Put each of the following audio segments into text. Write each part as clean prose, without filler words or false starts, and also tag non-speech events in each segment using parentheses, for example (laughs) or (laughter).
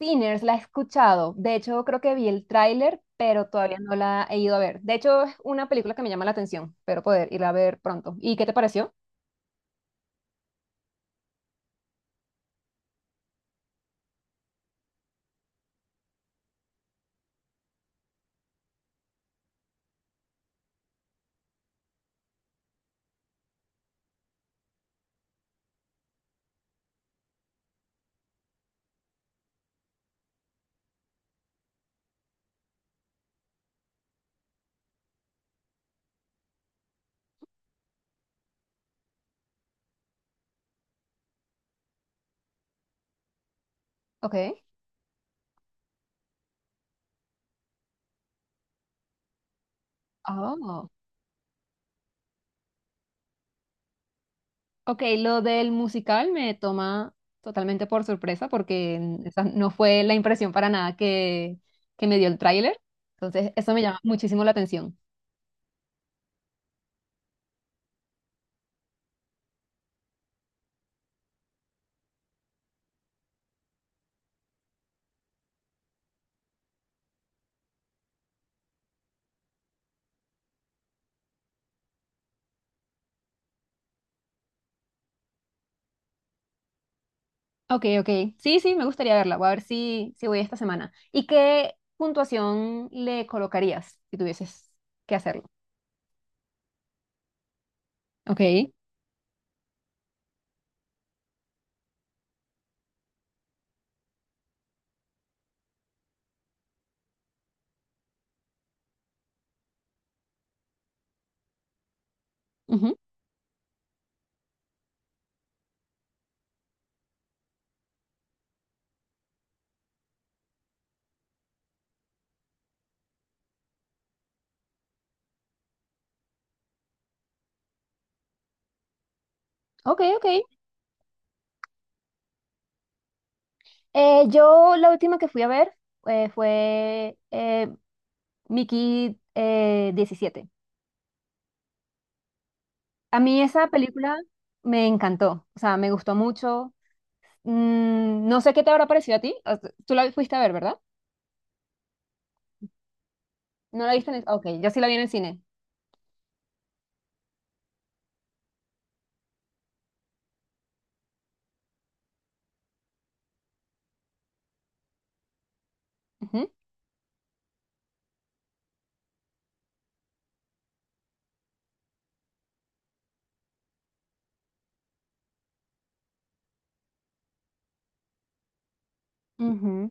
Sinners, la he escuchado. De hecho, creo que vi el tráiler, pero todavía no la he ido a ver. De hecho, es una película que me llama la atención, pero poder irla a ver pronto. ¿Y qué te pareció? Ok. Oh. Ok, lo del musical me toma totalmente por sorpresa porque esa no fue la impresión para nada que me dio el tráiler. Entonces, eso me llama muchísimo la atención. Ok, ok. Sí, sí, me gustaría verla. Voy a ver si voy esta semana. ¿Y qué puntuación le colocarías si tuvieses que hacerlo? Ok. Ujú. Ok, ok. Yo la última que fui a ver fue Mickey 17. A mí esa película me encantó, o sea, me gustó mucho. No sé qué te habrá parecido a ti. O sea, tú la fuiste a ver, ¿verdad? ¿No la viste en el...? Ok, yo sí la vi en el cine. Ujú. Ujú.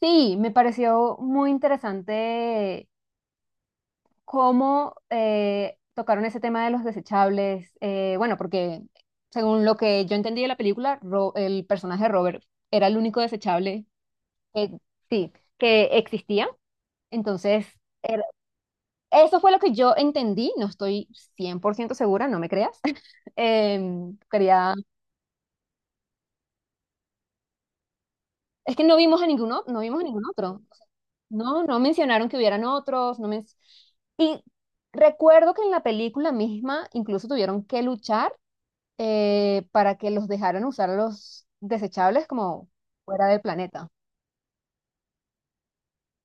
Sí, me pareció muy interesante cómo tocaron ese tema de los desechables. Bueno, porque según lo que yo entendí de la película, el personaje de Robert era el único desechable que, sí, que existía. Entonces, era- eso fue lo que yo entendí. No estoy 100% segura, no me creas. (laughs) Quería... Es que no vimos a ninguno, no vimos a ningún otro. No, no mencionaron que hubieran otros, no men- Y recuerdo que en la película misma incluso tuvieron que luchar para que los dejaran usar los desechables como fuera del planeta,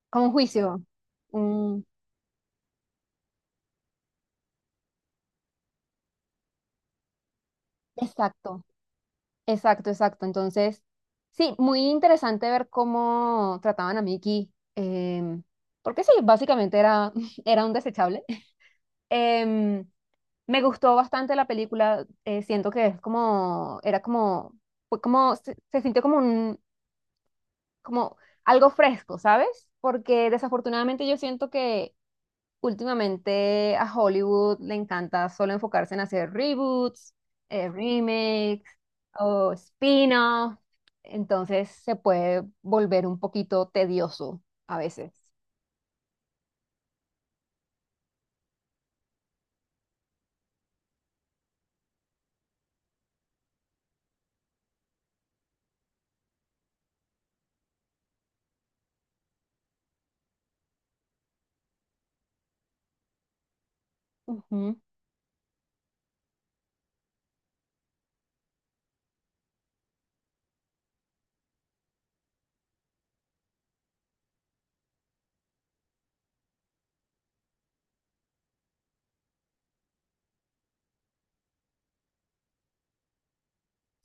como un juicio. Un- exacto, exacto, exacto. Entonces, sí, muy interesante ver cómo trataban a Mickey, porque sí, básicamente era, (laughs) era un desechable. Em, Me gustó bastante la película, siento que es como, era como, fue como, se sintió como algo fresco, ¿sabes? Porque desafortunadamente yo siento que últimamente a Hollywood le encanta solo enfocarse en hacer reboots, remakes o spin-off, entonces se puede volver un poquito tedioso a veces. Ujú.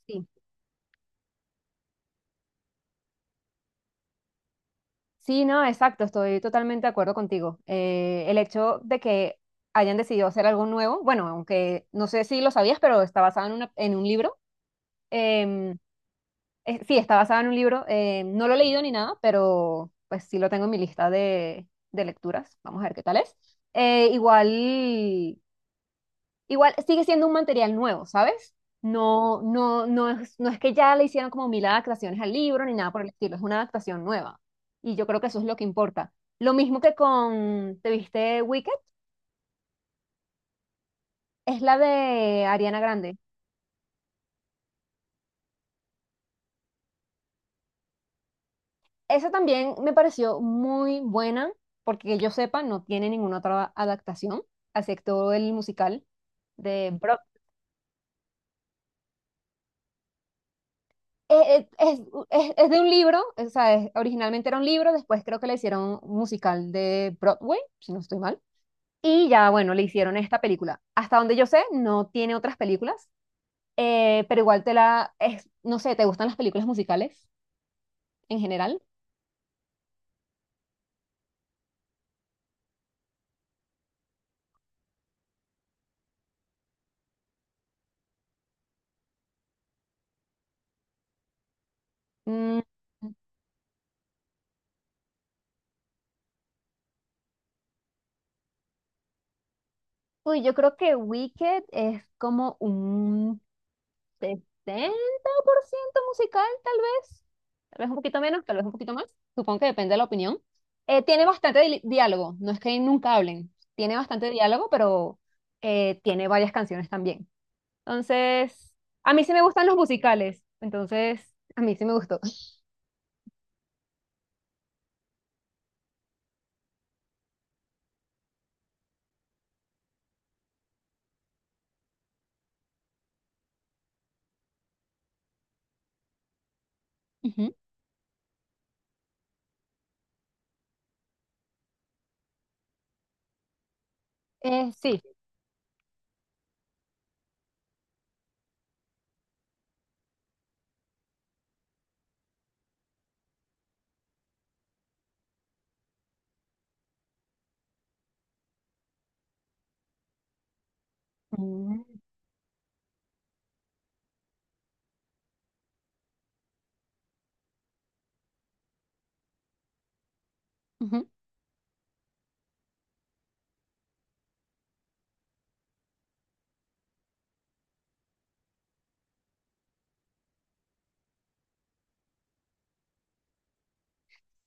Sí. Sí, no, exacto, estoy totalmente de acuerdo contigo. El hecho de que hayan decidido hacer algo nuevo, bueno, aunque no sé si lo sabías, pero está basado en, en un libro. em, sí, está basada en un libro. No lo he leído ni nada, pero pues sí lo tengo en mi lista de lecturas. Vamos a ver qué tal es. Eh, igual, igual sigue siendo un material nuevo, ¿sabes? No, no, no es que ya le hicieron como mil adaptaciones al libro ni nada por el estilo, es una adaptación nueva. Y yo creo que eso es lo que importa. Lo mismo que con, ¿te viste Wicked? Es la de Ariana Grande. Esa también me pareció muy buena, porque que yo sepa, no tiene ninguna otra adaptación, excepto el musical de Brock. Eh, eh, Es, es de un libro, o sea, originalmente era un libro, después creo que le hicieron un musical de Broadway, si no estoy mal, y ya, bueno, le hicieron esta película. Hasta donde yo sé, no tiene otras películas, pero igual no sé, ¿te gustan las películas musicales en general? Mm, Uy, yo creo que Wicked es como un 60% musical, ¿tal vez? Tal vez un poquito menos, tal vez un poquito más. Supongo que depende de la opinión. Tiene bastante diálogo, no es que nunca hablen. Tiene bastante diálogo, pero tiene varias canciones también. Entonces, a mí sí me gustan los musicales. Entonces, a mí sí me gustó. Ujú. Sí. Mm, ujú.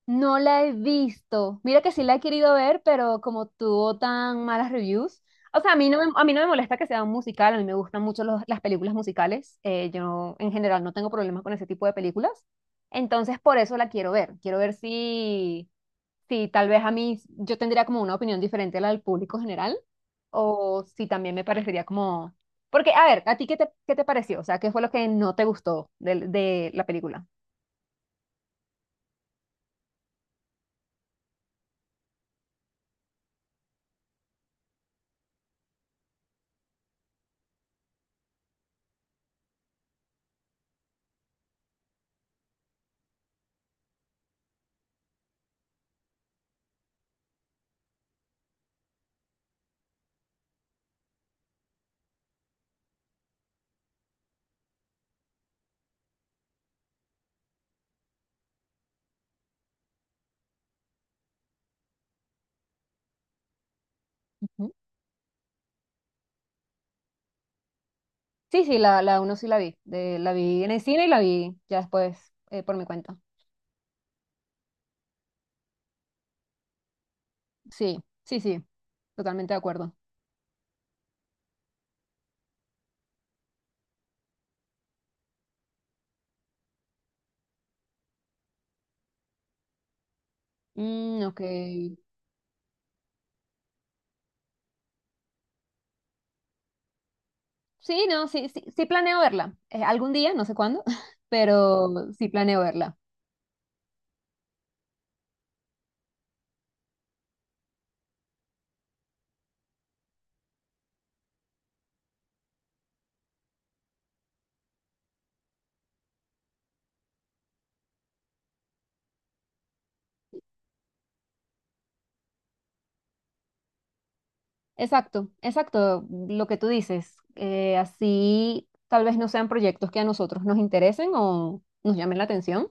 No la he visto. Mira que sí la he querido ver, pero como tuvo tan malas reviews. O sea, a mí no me molesta que sea un musical, a mí me gustan mucho las películas musicales. Yo en general no tengo problemas con ese tipo de películas. Entonces, por eso la quiero ver. Quiero ver si tal vez a mí yo tendría como una opinión diferente a la del público general o si también me parecería como... Porque, a ver, ¿a ti qué te, pareció? O sea, ¿qué fue lo que no te gustó de la película? Sí, sí, la uno sí la vi. La vi en el cine y la vi ya después por mi cuenta. Sí, sí, sí. Totalmente de acuerdo. Mm, ok. Sí, no, sí, sí, sí planeo verla. Algún día, no sé cuándo, (laughs) pero sí planeo verla. Exacto, exacto, lo que tú dices. Así tal vez no sean proyectos que a nosotros nos interesen o nos llamen la atención.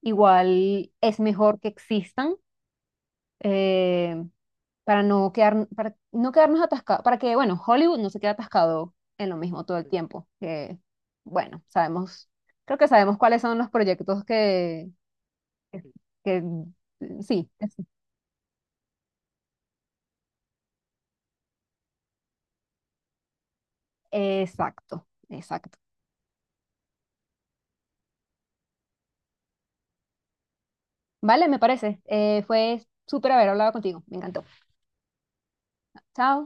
Igual es mejor que existan. eh, para no quedar, para no quedarnos atascados, para que, bueno, Hollywood no se quede atascado en lo mismo todo el tiempo, que, bueno, sabemos, creo que sabemos cuáles son los proyectos que, sí, exacto, exacto. Vale, me parece. Fue súper haber hablado contigo, me encantó. Chao.